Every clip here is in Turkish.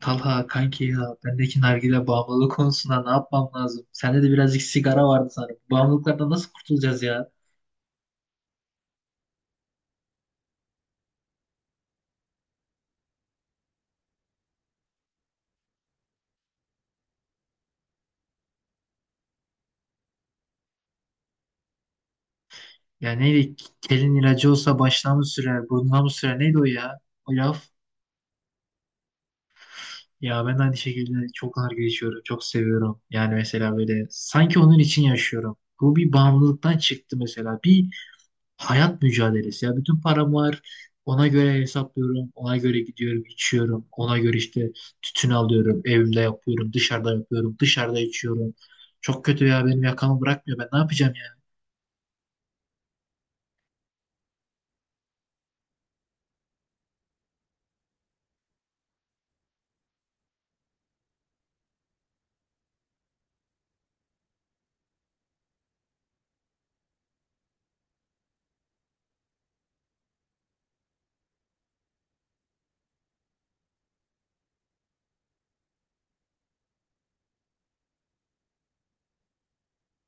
Talha kanki ya bendeki nargile bağımlılığı konusunda ne yapmam lazım? Sende de birazcık sigara vardı sanırım. Bağımlılıklardan nasıl kurtulacağız ya? Ya neydi? Kelin ilacı olsa başına mı sürer, burnuna mı sürer? Neydi o ya? O laf. Ya ben de aynı şekilde çok nargile içiyorum. Çok seviyorum. Yani mesela böyle sanki onun için yaşıyorum. Bu bir bağımlılıktan çıktı mesela. Bir hayat mücadelesi ya. Bütün param var. Ona göre hesaplıyorum. Ona göre gidiyorum, içiyorum. Ona göre işte tütün alıyorum. Evimde yapıyorum. Dışarıda yapıyorum. Dışarıda içiyorum. Çok kötü ya. Benim yakamı bırakmıyor. Ben ne yapacağım ya?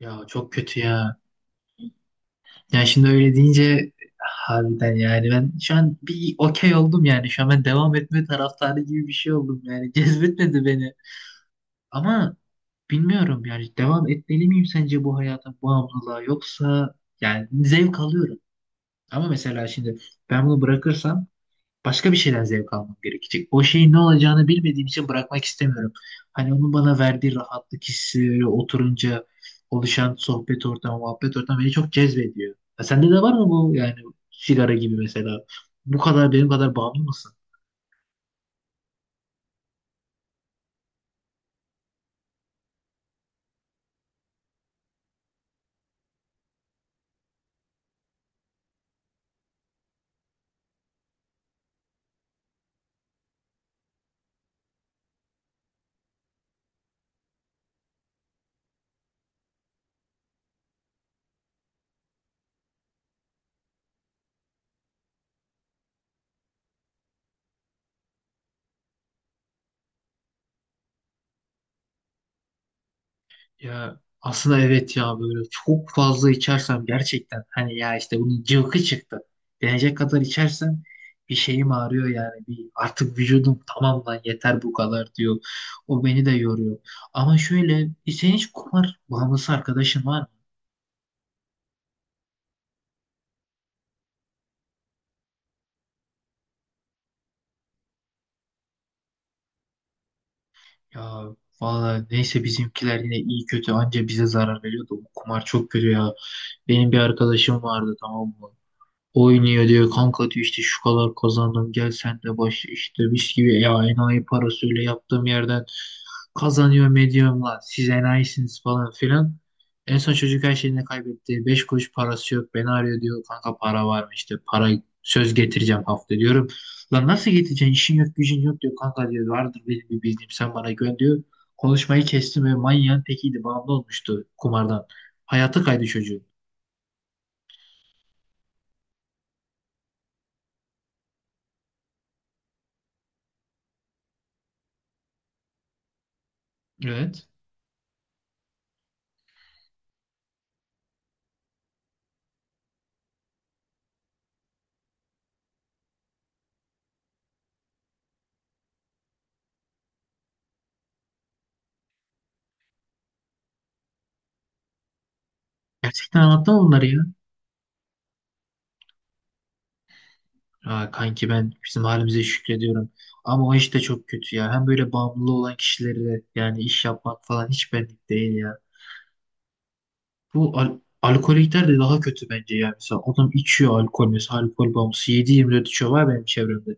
Ya çok kötü ya. Yani şimdi öyle deyince harbiden yani ben şu an bir okey oldum yani. Şu an ben devam etme taraftarı gibi bir şey oldum yani. Cezbetmedi beni. Ama bilmiyorum yani devam etmeli miyim sence bu hayata, bu bağımlılığa yoksa yani zevk alıyorum. Ama mesela şimdi ben bunu bırakırsam başka bir şeyden zevk almam gerekecek. O şeyin ne olacağını bilmediğim için bırakmak istemiyorum. Hani onun bana verdiği rahatlık hissi, oturunca oluşan sohbet ortamı, muhabbet ortamı beni çok cezbediyor. Ya sende de var mı bu yani sigara gibi mesela? Bu kadar benim kadar bağımlı mısın? Ya aslında evet ya böyle çok fazla içersem gerçekten hani ya işte bunun cıvkı çıktı. Denecek kadar içersem bir şeyim ağrıyor yani bir artık vücudum tamam lan yeter bu kadar diyor. O beni de yoruyor. Ama şöyle senin hiç kumar bağımlısı arkadaşın var mı? Ya valla neyse bizimkiler yine iyi kötü anca bize zarar veriyordu. Bu kumar çok kötü ya. Benim bir arkadaşım vardı, tamam mı? Oynuyor diyor, kanka diyor, işte şu kadar kazandım, gel sen de başla, işte biz gibi ya enayi parası, öyle yaptığım yerden kazanıyorum ediyorum, lan siz enayisiniz falan filan. En son çocuk her şeyini kaybetti. Beş kuruş parası yok. Beni arıyor, diyor kanka para var mı? İşte para söz getireceğim hafta, diyorum. Lan nasıl getireceksin? İşin yok gücün yok, diyor. Kanka diyor, vardır benim bir bildiğim, sen bana gönder diyor. Konuşmayı kestim ve manyağın tekiydi. Bağımlı olmuştu kumardan. Hayatı kaydı çocuğun. Evet. Gerçekten anlattım bunları ya. Ha, kanki ben bizim halimize şükrediyorum. Ama o iş de çok kötü ya. Hem böyle bağımlılığı olan kişilerle yani iş yapmak falan hiç benlik değil ya. Bu alkolikler de daha kötü bence ya. Mesela adam içiyor alkol, mesela alkol bağımlısı 7/24 içiyor var benim çevremde.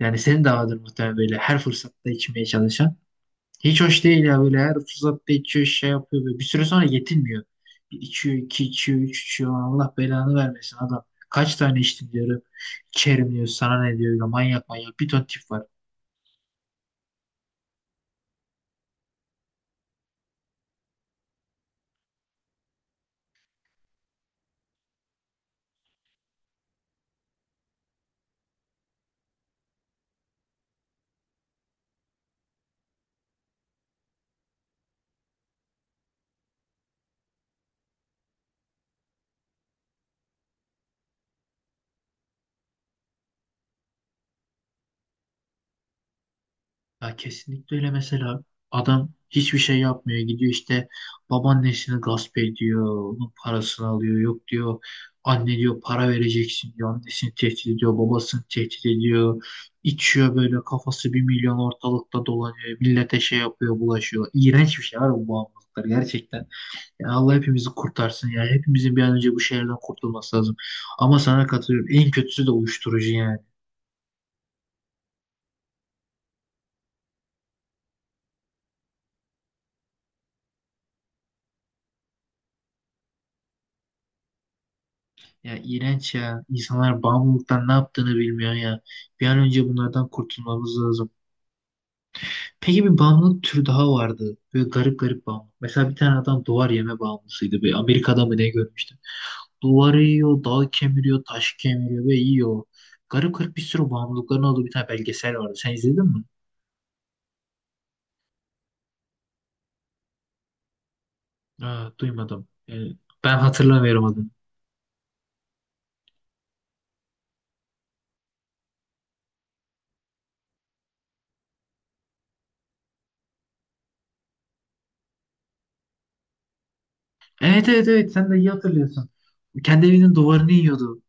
Yani senin de vardır muhtemelen böyle her fırsatta içmeye çalışan. Hiç hoş değil ya, böyle her fırsatta içiyor, şey yapıyor böyle. Bir süre sonra yetinmiyor. Bir içiyor, iki içiyor, üç içiyor. Allah belanı vermesin adam. Kaç tane içtim diyorum. İçerim diyor. Sana ne diyor. Böyle manyak manyak. Bir ton tip var. Ya kesinlikle öyle. Mesela adam hiçbir şey yapmıyor, gidiyor işte babaannesini gasp ediyor, onun parasını alıyor, yok diyor, anne diyor para vereceksin diyor, annesini tehdit ediyor, babasını tehdit ediyor, içiyor, böyle kafası bir milyon ortalıkta dolanıyor, millete şey yapıyor, bulaşıyor. İğrenç bir şey var bu bağımlılıklar gerçekten ya. Allah hepimizi kurtarsın ya, hepimizin bir an önce bu şehirden kurtulması lazım. Ama sana katılıyorum, en kötüsü de uyuşturucu yani. Ya iğrenç ya. İnsanlar bağımlılıktan ne yaptığını bilmiyor ya. Bir an önce bunlardan kurtulmamız lazım. Peki bir bağımlılık türü daha vardı. Böyle garip garip bağımlı. Mesela bir tane adam duvar yeme bağımlısıydı. Böyle Amerika'da mı ne görmüştüm. Duvarı yiyor, dağ kemiriyor, taş kemiriyor ve yiyor. Garip garip bir sürü bağımlılıkların olduğu bir tane belgesel vardı. Sen izledin mi? Aa, duymadım. Ben hatırlamıyorum adını. Evet, evet, evet, sen de iyi hatırlıyorsun. Kendi evinin duvarını yiyordu.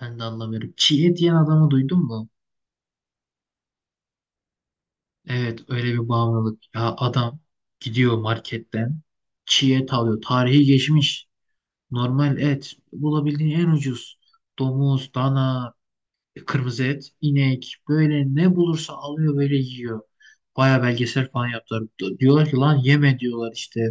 Ben de anlamıyorum. Çiğ et yiyen adamı duydun mu? Evet, öyle bir bağımlılık. Ya adam gidiyor marketten çiğ et alıyor. Tarihi geçmiş. Normal et. Bulabildiğin en ucuz. Domuz, dana, kırmızı et, inek. Böyle ne bulursa alıyor, böyle yiyor. Baya belgesel falan yaptılar. Diyorlar ki lan yeme diyorlar işte.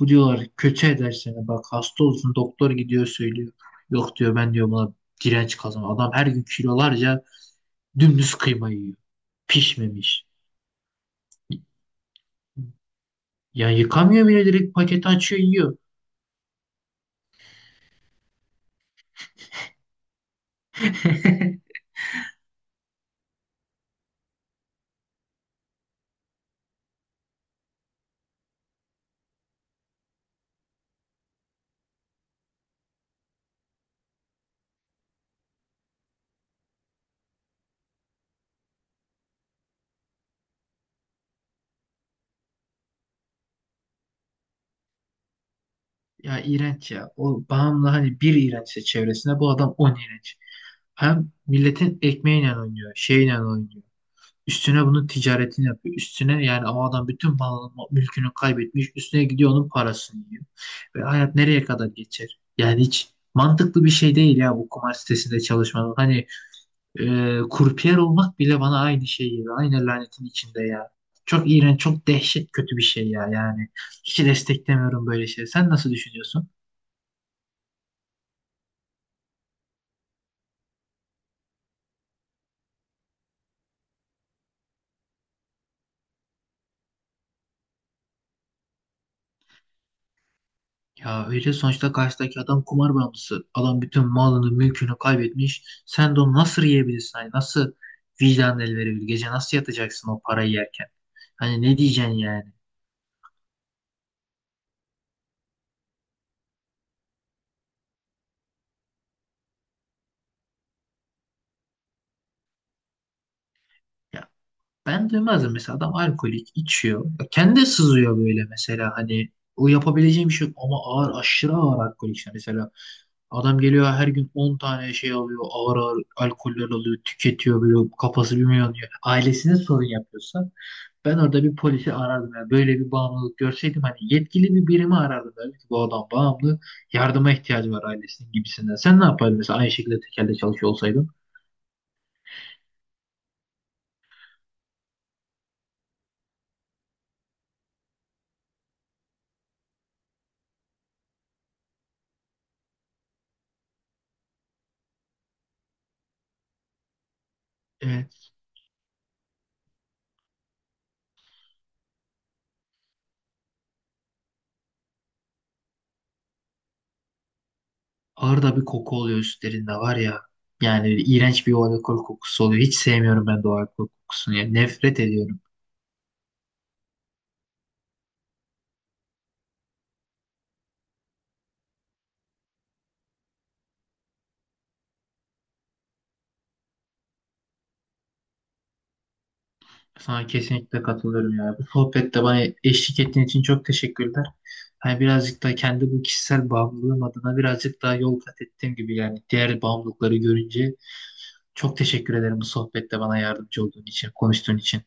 Bu diyorlar kötü eder seni. Bak hasta olsun, doktor gidiyor söylüyor. Yok diyor, ben diyor buna direnç kazan. Adam her gün kilolarca dümdüz kıyma yiyor. Pişmemiş. Ya yıkamıyor bile, direkt paketi açıyor yiyor. Ya iğrenç ya. O bağımlı hani bir iğrençse, çevresinde bu adam on iğrenç. Hem milletin ekmeğiyle oynuyor, şeyle oynuyor. Üstüne bunun ticaretini yapıyor. Üstüne yani o adam bütün malını, mülkünü kaybetmiş. Üstüne gidiyor onun parasını yiyor. Ve hayat nereye kadar geçer? Yani hiç mantıklı bir şey değil ya bu kumar sitesinde çalışmanın. Hani kurpiyer olmak bile bana aynı şeyi, aynı lanetin içinde ya. Çok iğrenç, çok dehşet kötü bir şey ya yani. Hiç desteklemiyorum böyle şey. Sen nasıl düşünüyorsun? Ya öyle, sonuçta karşıdaki adam kumar bağımlısı. Adam bütün malını, mülkünü kaybetmiş. Sen de onu nasıl yiyebilirsin? Hani nasıl vicdan el verebilir? Gece nasıl yatacaksın o parayı yerken? Hani ne diyeceksin yani? Ya ben duymazdım. Mesela adam alkolik, içiyor. Ya kendi sızıyor böyle mesela, hani o yapabileceğim bir şey yok. Ama ağır, aşırı ağır alkolik, işte mesela adam geliyor her gün 10 tane şey alıyor. Ağır ağır alkoller alıyor. Tüketiyor, böyle kafası bir milyon diyor. Ailesine sorun yapıyorsa ben orada bir polisi arardım. Yani böyle bir bağımlılık görseydim hani yetkili bir birimi arardım. Derdim ki bu adam bağımlı. Yardıma ihtiyacı var ailesinin gibisinden. Sen ne yapardın mesela aynı şekilde tekelde çalışıyor olsaydın? Evet. Ağır da bir koku oluyor üstlerinde var ya. Yani iğrenç bir o alkol kokusu oluyor. Hiç sevmiyorum ben de o alkol kokusunu. Yani nefret ediyorum. Sana kesinlikle katılıyorum ya. Bu sohbette bana eşlik ettiğin için çok teşekkürler. Hani birazcık da kendi bu kişisel bağımlılığım adına birazcık daha yol kat ettiğim gibi yani, diğer bağımlılıkları görünce çok teşekkür ederim bu sohbette bana yardımcı olduğun için, konuştuğun için.